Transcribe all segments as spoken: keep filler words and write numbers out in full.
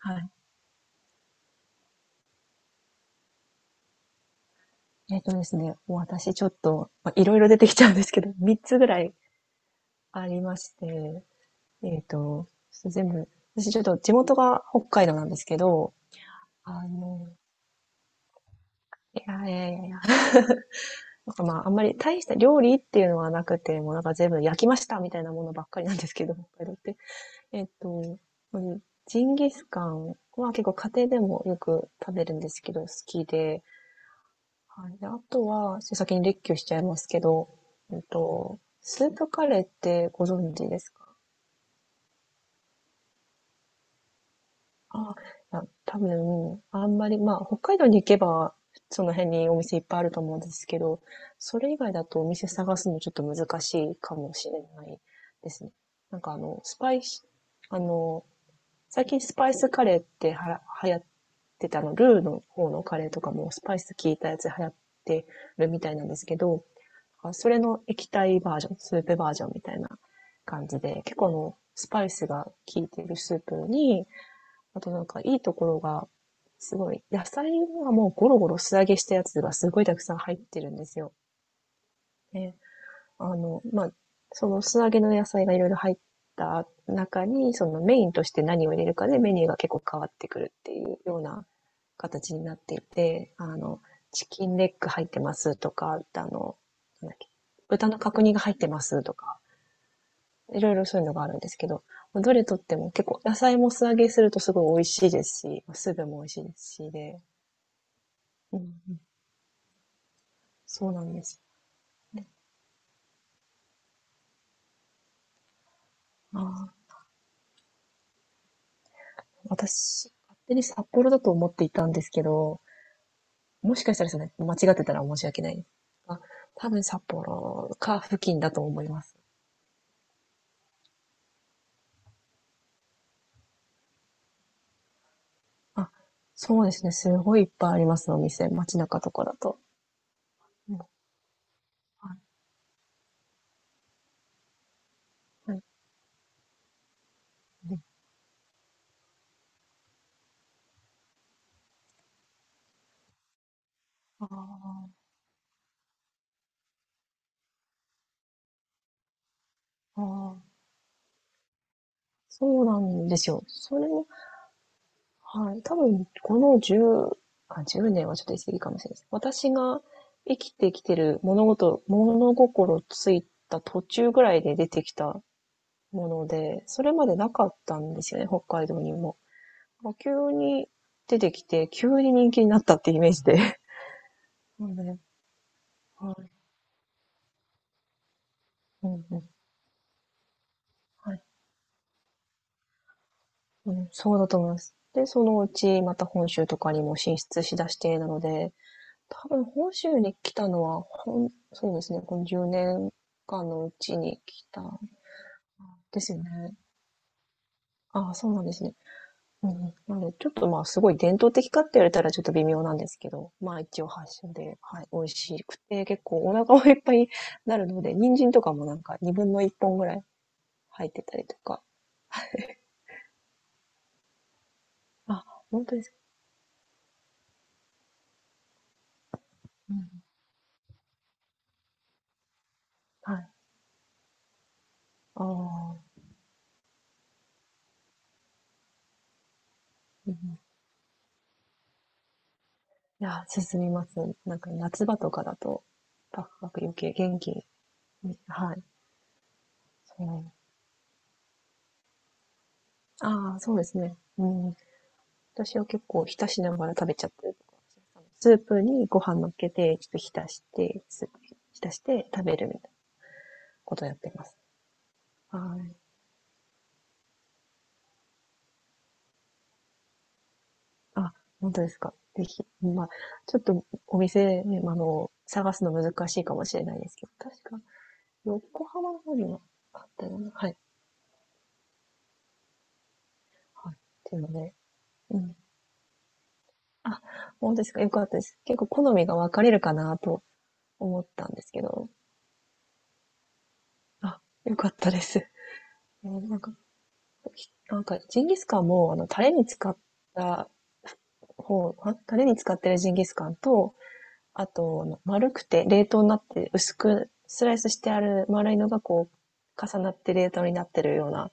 はい。えっとですね、私ちょっと、ま、いろいろ出てきちゃうんですけど、みっつぐらいありまして、えっと、ちょっと全部、私ちょっと地元が北海道なんですけど、あの、いやいやいやいや、なんかまあ、あんまり大した料理っていうのはなくて、もうなんか全部焼きましたみたいなものばっかりなんですけど、北海道って。えっと、ジンギスカンは結構家庭でもよく食べるんですけど、好きで、はい。で、あとは、ちょ先に列挙しちゃいますけど、うんと、スープカレーってご存知ですかあ、いや、多分、あんまり、まあ、北海道に行けば、その辺にお店いっぱいあると思うんですけど、それ以外だとお店探すのちょっと難しいかもしれないですね。なんかあの、スパイス、あの、最近スパイスカレーってはら、流行ってたあの、ルーの方のカレーとかもスパイス効いたやつ流行ってるみたいなんですけど、あそれの液体バージョン、スープバージョンみたいな感じで、結構あの、スパイスが効いてるスープに、あとなんかいいところが、すごい、野菜はもうゴロゴロ素揚げしたやつがすごいたくさん入ってるんですよ。ね、あの、まあ、その素揚げの野菜がいろいろ入った中に、そのメインとして何を入れるかでメニューが結構変わってくるっていうような形になっていて、あの、チキンレッグ入ってますとか、あの、なんだっけ、豚の角煮が入ってますとか、いろいろそういうのがあるんですけど、どれとっても結構野菜も素揚げするとすごい美味しいですし、スープも美味しいですしで、うんうん、そうなんです。ね、ああ、私、勝手に札幌だと思っていたんですけど、もしかしたらそれ、間違ってたら申し訳ない。あ、多分札幌か付近だと思います。あ、そうですね。すごいいっぱいあります、お店。街中とかだと。うん、はい、はい、うん。ああ、ああ、そうなんですよ。それも、はい、多分、このじゅう、あ、いちねんはちょっと言い過ぎかもしれないです。私が生きてきてる物事、物心ついた途中ぐらいで出てきたもので、それまでなかったんですよね、北海道にも。もう急に出てきて、急に人気になったってイメージで。そうね。はい。うんうん、はい。うん、そうだと思います。で、そのうちまた本州とかにも進出しだしてなので、多分本州に来たのは、ほん、そうですね、このじゅうねんかんのうちに来たんですよね。ああ、そうなんですね。うんうん。なので、ちょっとまあ、すごい伝統的かって言われたらちょっと微妙なんですけど、まあ一応発祥で、はい、美味しくて、結構お腹もいっぱいになるので、人参とかもなんかにぶんのいっぽんぐらい入ってたりとか。あ、本当ですか？うん。はい。ああ、うんうん。いや、進みます。なんか夏場とかだと、パクパク余計元気に、はい、そう。ああ、そうですね。うん。私は結構浸しながら食べちゃったりとかスープにご飯乗っけて、ちょっと浸して、スープに浸して食べるみたいなことをやってます。はい。あ、本当ですか？ぜひ、まあ、ちょっとお店ね、あの、探すの難しいかもしれないですけど、確か横浜の方にもあったような、はい、はい。っていうので、うん。あ、本当ですか？よかったです。結構好みが分かれるかなと思ったんですけど、あ、よかったです。なんか、なんか、ジンギスカンも、あの、タレに使った方、タレに使ってるジンギスカンと、あと、あの丸くて冷凍になって薄くスライスしてある丸いのがこう、重なって冷凍になってるような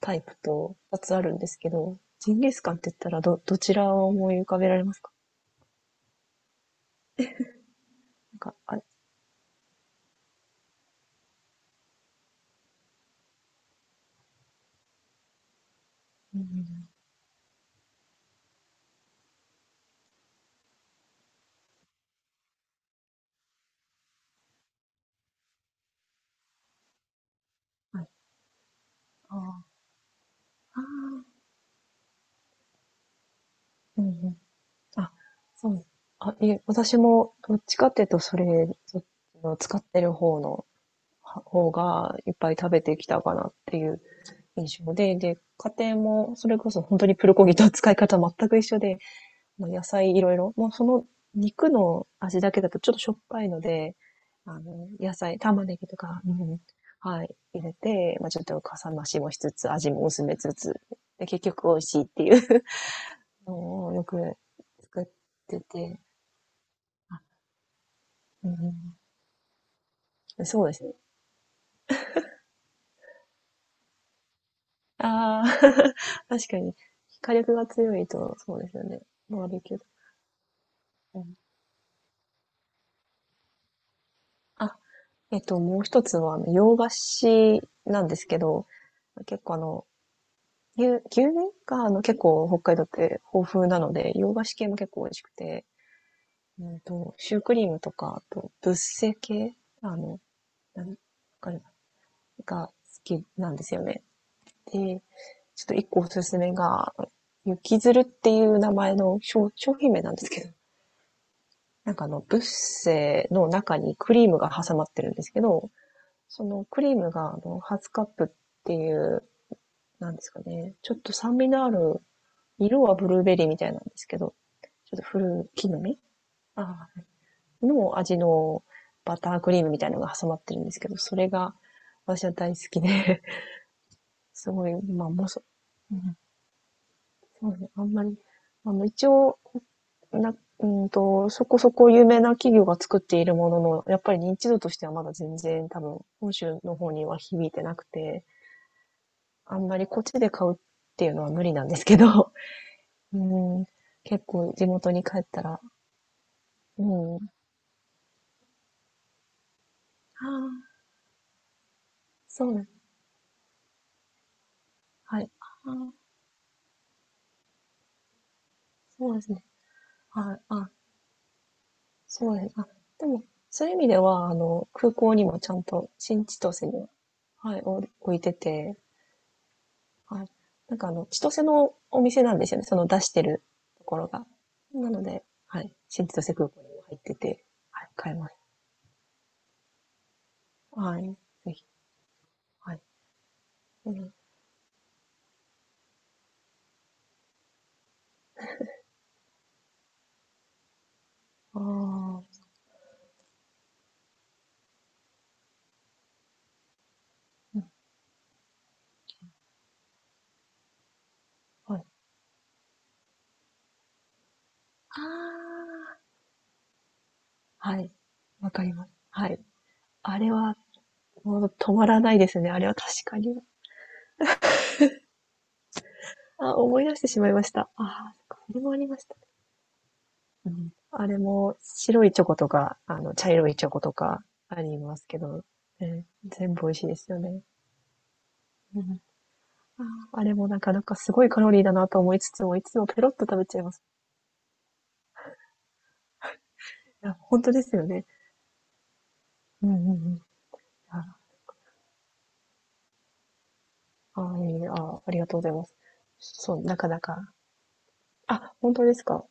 タイプとふたつあるんですけど、ジンギスカンって言ったらど、どちらを思い浮かべられますか？なんか、あれ、うん、はい、ああ、うん、うん。あ、そう。あ、いえ、私もどっちかっていうと、それ、そっちの使ってる方の、は方がいっぱい食べてきたかなっていう印象で、で、家庭もそれこそ本当にプルコギと使い方全く一緒で、もう野菜いろいろ。もうその肉の味だけだとちょっとしょっぱいので、あの、野菜、玉ねぎとか、うん、はい、入れて、まあちょっとかさ増しもしつつ、味も薄めつつ、で、結局美味しいっていう のをよく作ってて、あ、うん、そうですね。ああ、確かに、火力が強いと、そうですよね。バーベキュー。うん、あ、えっと、もう一つは、あの洋菓子なんですけど、結構あの、牛、牛乳が、あの、結構北海道って豊富なので、洋菓子系も結構美味しくて、うんと、シュークリームとか、あと、ブッセ系、あの、なんわかるが好きなんですよね。で、ちょっと一個おすすめが、雪鶴っていう名前の商商品名なんですけど、なんかあの、ブッセの中にクリームが挟まってるんですけど、そのクリームが、あの、ハスカップっていう、なんですかね、ちょっと酸味のある、色はブルーベリーみたいなんですけど、ちょっと古き木の実あーの味のバタークリームみたいなのが挟まってるんですけど、それが私は大好きで、すごい、まあ、もうそ、うん、そうね、あんまり、あの、一応、な、うんと、そこそこ有名な企業が作っているものの、やっぱり認知度としてはまだ全然多分、本州の方には響いてなくて、あんまりこっちで買うっていうのは無理なんですけど、うん、結構地元に帰ったら、うん、ああ、そうで、はい。ああ、そうですね。はい。あ、そうです。あ、でも、そういう意味では、あの、空港にもちゃんと新千歳には、はい、お置いてて、はい。なんかあの、千歳のお店なんですよね。その出してるところが。なので、はい。新千歳空港にも入ってて、はい、買えます。はい。ぜひ。はい。うん、ああ、うん、はい。ああ、はい。わかります。はい。あれは、もう止まらないですね。あれは確かに。あ、思い出してしまいました。ああ、そっか、それもありました。うん、あれも白いチョコとか、あの、茶色いチョコとかありますけど、ね、全部美味しいですよね。うん、あーあれもなかなかすごいカロリーだなと思いつつも、いつもペロッと食べちゃいます。いや、本当ですよね。うんうんうん。あ、あーいいねあー、ありがとうございます。そう、なかなか。あ、本当ですか？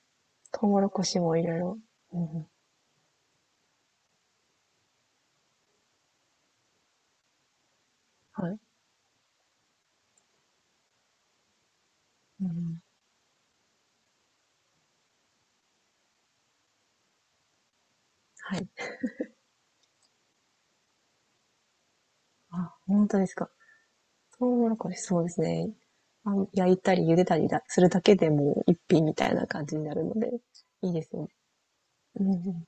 トウモロコシもいろいろ。うんうん、はい。うんうん、はい。あ、本当ですか？トウモロコシ、そうですね。あの焼いたり茹でたりだするだけでもう一品みたいな感じになるので、いいですよね。うんうん。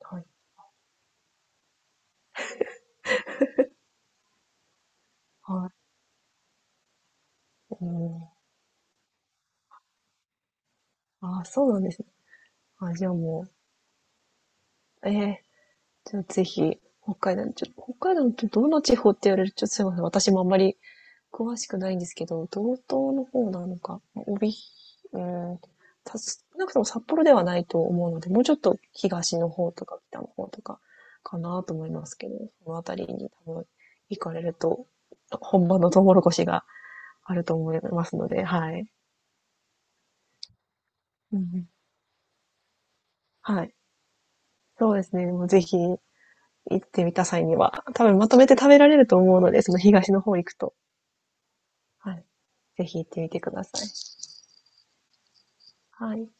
はい。はい。うん、ああ、そうなんですね。あ、じゃあもう、ええじゃあぜひ、北海道、ちょ、北海道ってどの地方って言われると、ちょっとすいません。私もあんまり詳しくないんですけど、道東の方なのか、帯、うん、た少なくとも札幌ではないと思うので、もうちょっと東の方とか北の方とかかなと思いますけど、そのあたりに多分行かれると、本場のトウモロコシがあると思いますので、はい。うん。はい。そうですね、もうぜひ行ってみた際には、多分まとめて食べられると思うので、その東の方行くと、はい、ぜひ行ってみてください。はい。